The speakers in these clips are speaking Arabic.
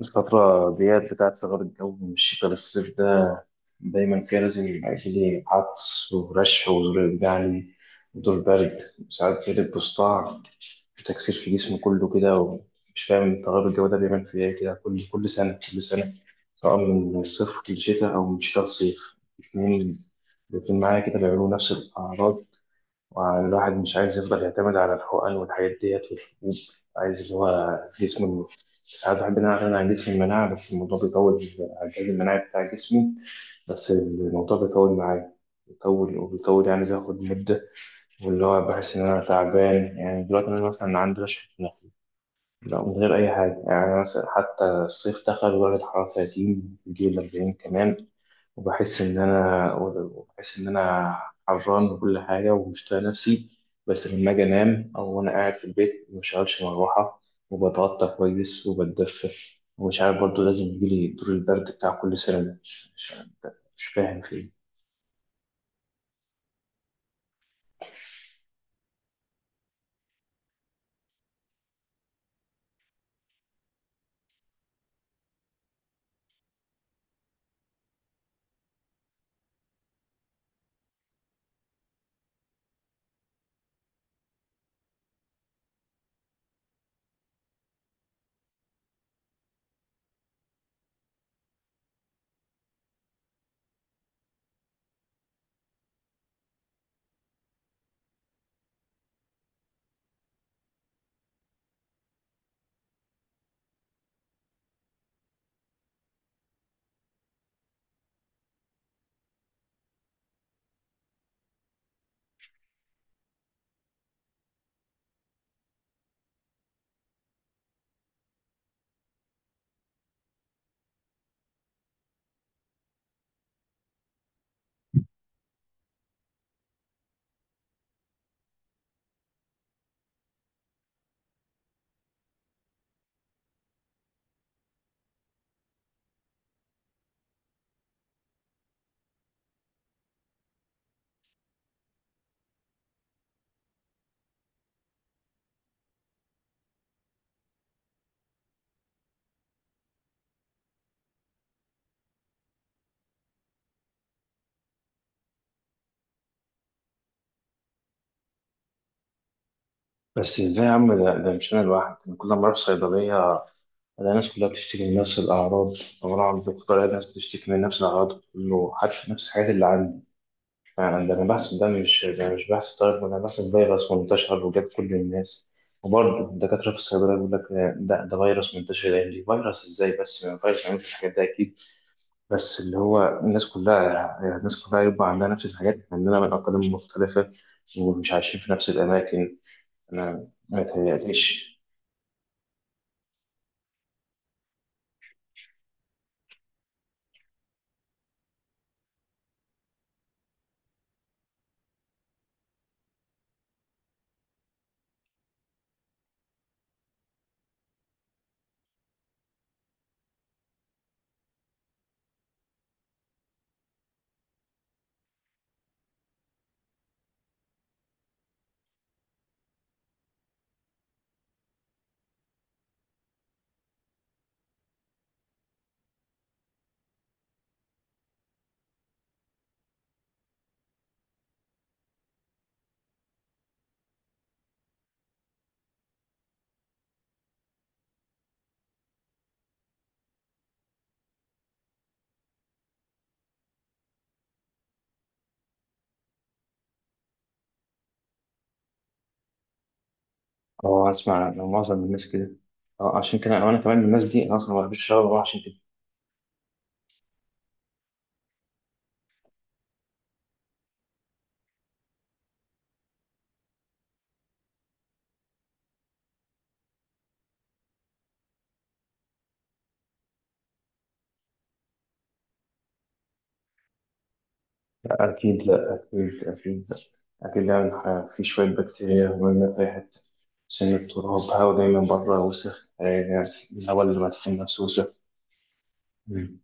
الفترة ديت بتاعت ثغرة الجو من الشتاء للصيف ده دايما كده لازم يبقى فيه عطس ورشح وزور جعلي ودور برد، وساعات يلبس صداع وتكسير في جسمه كله كده. ومش فاهم تغير الجو ده بيعمل فيه ايه كده كل سنة، سواء من الصيف للشتاء أو من الشتاء للصيف. الاتنين الاتنين معايا كده بيعملوا نفس الأعراض. والواحد مش عايز يفضل يعتمد على الحقن والحاجات ديت والحبوب. عايز اللي هو جسمه، ساعات بحب إن أنا أعتمد على جسم المناعة، بس الموضوع بيطول. على الجهاز المناعي بتاع جسمي، بس الموضوع بيطول معايا، بيطول وبيطول يعني بياخد مدة. واللي هو بحس إن أنا تعبان، يعني دلوقتي أنا مثلا عندي رشحة نخل لا، من غير أي حاجة، يعني مثلا حتى الصيف دخل ودرجة الحرارة 30 بيجي 40 كمان. وبحس إن أنا حران وكل حاجة ومش طايق نفسي. بس لما أجي أنام أو وأنا قاعد في البيت مبشغلش مروحة وبتغطى كويس وبتدفى. ومش عارف برضه لازم يجيلي دور البرد بتاع كل سنة ده. مش فاهم فيه. بس إزاي يا عم، ده مش أنا لوحدي، أنا كل ما أروح صيدلية ألاقي الناس كلها بتشتكي من نفس الأعراض، لما أروح عند الدكتور ألاقي الناس بتشتكي من نفس الأعراض، كله عارف نفس الحاجات اللي عندي. فعلا ده انا بحث، ده مش بحث طيب ولا بحث فيروس منتشر وجاب كل الناس. وبرضه الدكاترة في الصيدلة يقول لك ده فيروس منتشر الأيام دي. فيروس إزاي؟ بس ما فيروس ما يعملش الحاجات ده أكيد. بس اللي هو الناس كلها يبقى عندها نفس الحاجات، عندنا من أقاليم مختلفة ومش عايشين في نفس الأماكن. أنا ما يتهيأليش. أه، أسمع عن معظم الناس كده. أه، عشان كده أنا كمان من الناس دي، أنا أصلا ما بحبش الشغل عشان كده. أكيد لأ، أكيد أكيد لأ. أكيد يعني في شوية بكتيريا مرمية في أي حتة. عشان التراب هوا دايما بره وسخ يعني، الهوا اللي مدفون نفسه وسخ. مم.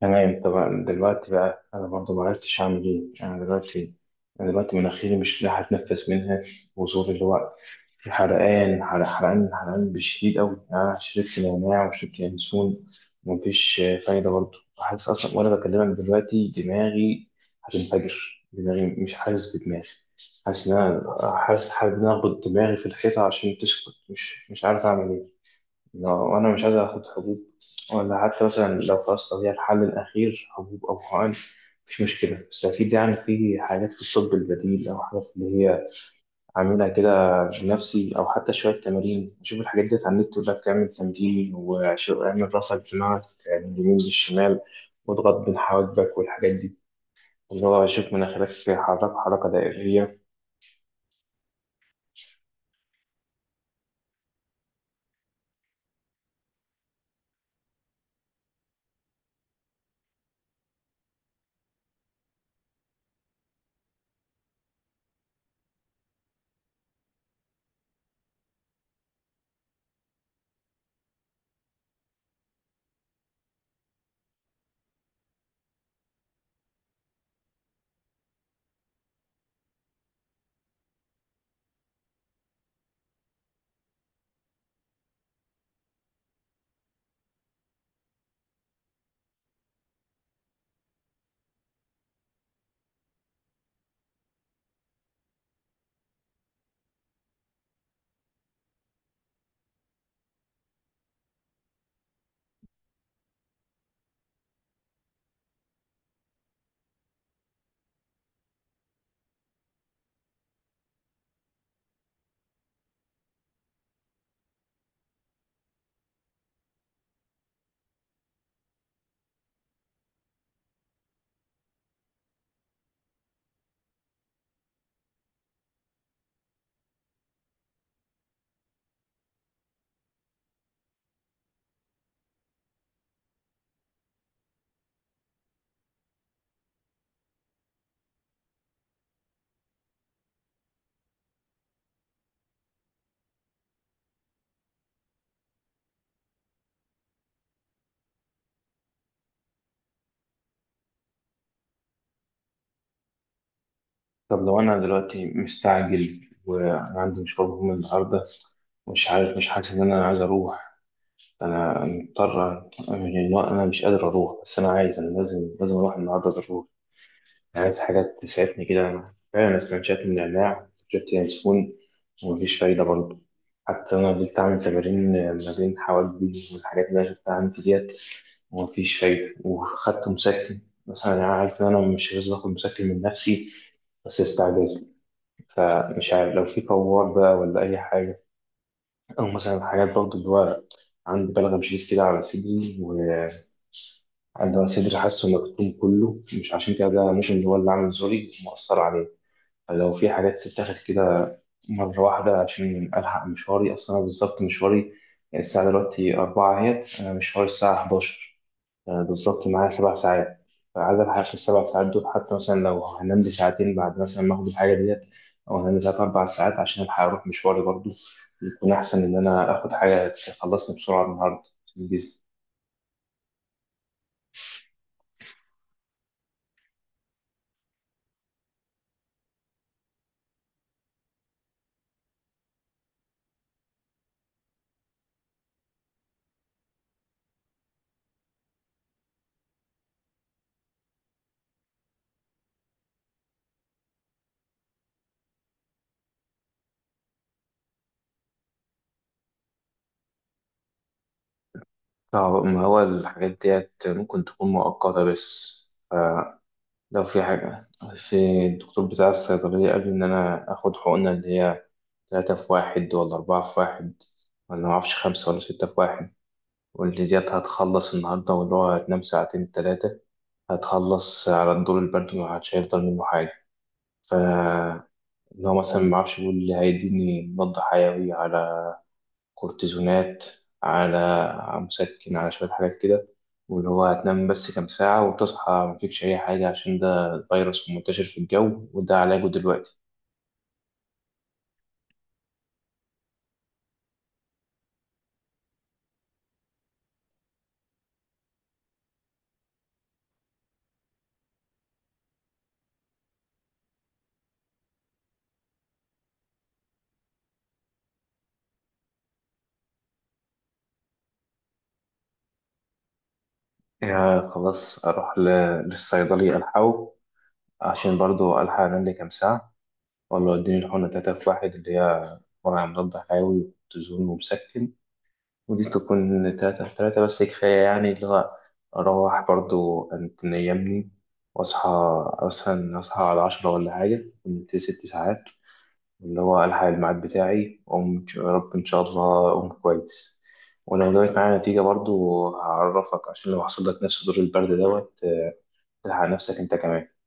تمام طبعا. دلوقتي بقى أنا برضو معرفتش أعمل إيه أنا دلوقتي. أنا دلوقتي مناخيري مش لاحق أتنفس منها، وزوري اللي هو في حرقان، حرقان حرقان بشديد قوي. أنا شربت نعناع وشربت ينسون ومفيش فايدة برضه. حاسس أصلا وأنا بكلمك دلوقتي دماغي هتنفجر، دماغي مش حاسس بدماغي. حاسس إن أنا، حاسس إن أنا أخبط دماغي في الحيطة عشان تسكت. مش عارف أعمل إيه لو أنا مش عايز آخد حبوب. ولا حتى مثلا لو خلاص لو هي الحل الأخير حبوب أو حقن مش مشكلة، بس أكيد يعني في حاجات في الطب البديل أو حاجات اللي هي أعملها كده بنفسي، أو حتى شوية تمارين أشوف الحاجات ديت على النت، ولا بتعمل تمرين وأعمل راسك دماغك يعني من اليمين للشمال واضغط بين حواجبك والحاجات دي، اللي هو أشوف مناخيرك حركة دائرية. طب لو أنا دلوقتي مستعجل وأنا عندي مشوار مهم النهاردة، مش عارف، مش حاسس إن أنا عايز أروح. أنا مضطر يعني، لو أنا مش قادر أروح بس أنا عايز، أنا لازم أروح النهاردة ضروري. عايز حاجات تسعفني كده. أنا فعلا استنشقت من النعناع، شفت ياسمين، ومفيش فايدة برضه. حتى أنا فضلت أعمل تمارين ما بين حواجبي والحاجات اللي أنا شفتها عندي ديت، ومفيش فايدة. وخدت مسكن مثلا، أنا عارف إن أنا مش لازم آخد مسكن من نفسي، بس استعجال. فمش عارف لو في فوار بقى ولا أي حاجة، أو مثلا حاجات برضه اللي هو عندي بلغم شديد كده على صدري، وعندي صدري حاسه مكتوم كله، مش عشان كده ده ممكن هو اللي عامل زوري مؤثر عليه. لو في حاجات تتاخد كده مرة واحدة عشان ألحق مشواري. أصلا أنا بالظبط مشواري الساعة دلوقتي 4 أهيت، أنا مشواري الساعة 11. أنا بالظبط معايا 7 ساعات، فعايز ألحق في ال7 ساعات دول. حتى مثلا لو هنام لي ساعتين بعد مثلا ما آخد الحاجة ديت، أو هنام لي 3 أو 4 ساعات عشان ألحق أروح مشواري برضه، يكون أحسن إن أنا آخد حاجة تخلصني بسرعة النهاردة في الجيزة. طب ما هو الحاجات ديت ممكن تكون مؤقتة بس. آه، لو في حاجة، في الدكتور بتاع الصيدلية قال لي إن أنا آخد حقنة اللي هي تلاتة في واحد ولا أربعة في واحد، ولا معرفش خمسة ولا ستة في واحد، واللي ديت هتخلص النهاردة، واللي هو هتنام ساعتين تلاتة هتخلص على الدور البرد ومحدش هيفضل منه حاجة. فاللي هو مثلا معرفش، يقول اللي هيديني مضاد حيوي على كورتيزونات، على مسكن، على شوية حاجات كده، واللي هو هتنام بس كام ساعة وتصحى مفيكش أي حاجة، عشان ده فيروس منتشر في الجو وده علاجه دلوقتي. يا خلاص أروح للصيدلي ألحقه عشان برضو ألحق أنام لي كام ساعة، ولا وديني الحقنة تلاتة في واحد، اللي هي مرعى مضاد حيوي وكورتيزون ومسكن، ودي تكون تلاتة في تلاتة بس كفاية يعني. اللي هو أروح برضو أنت نيمني وأصحى مثلا، أصحى على 10 ولا حاجة كنت 6 ساعات، اللي هو ألحق الميعاد بتاعي وأقوم. يا رب إن شاء الله أقوم كويس. ولو جابت معايا نتيجة برضو هعرفك، عشان لو حصل لك نفس دور البرد دوت تلحق نفسك أنت كمان.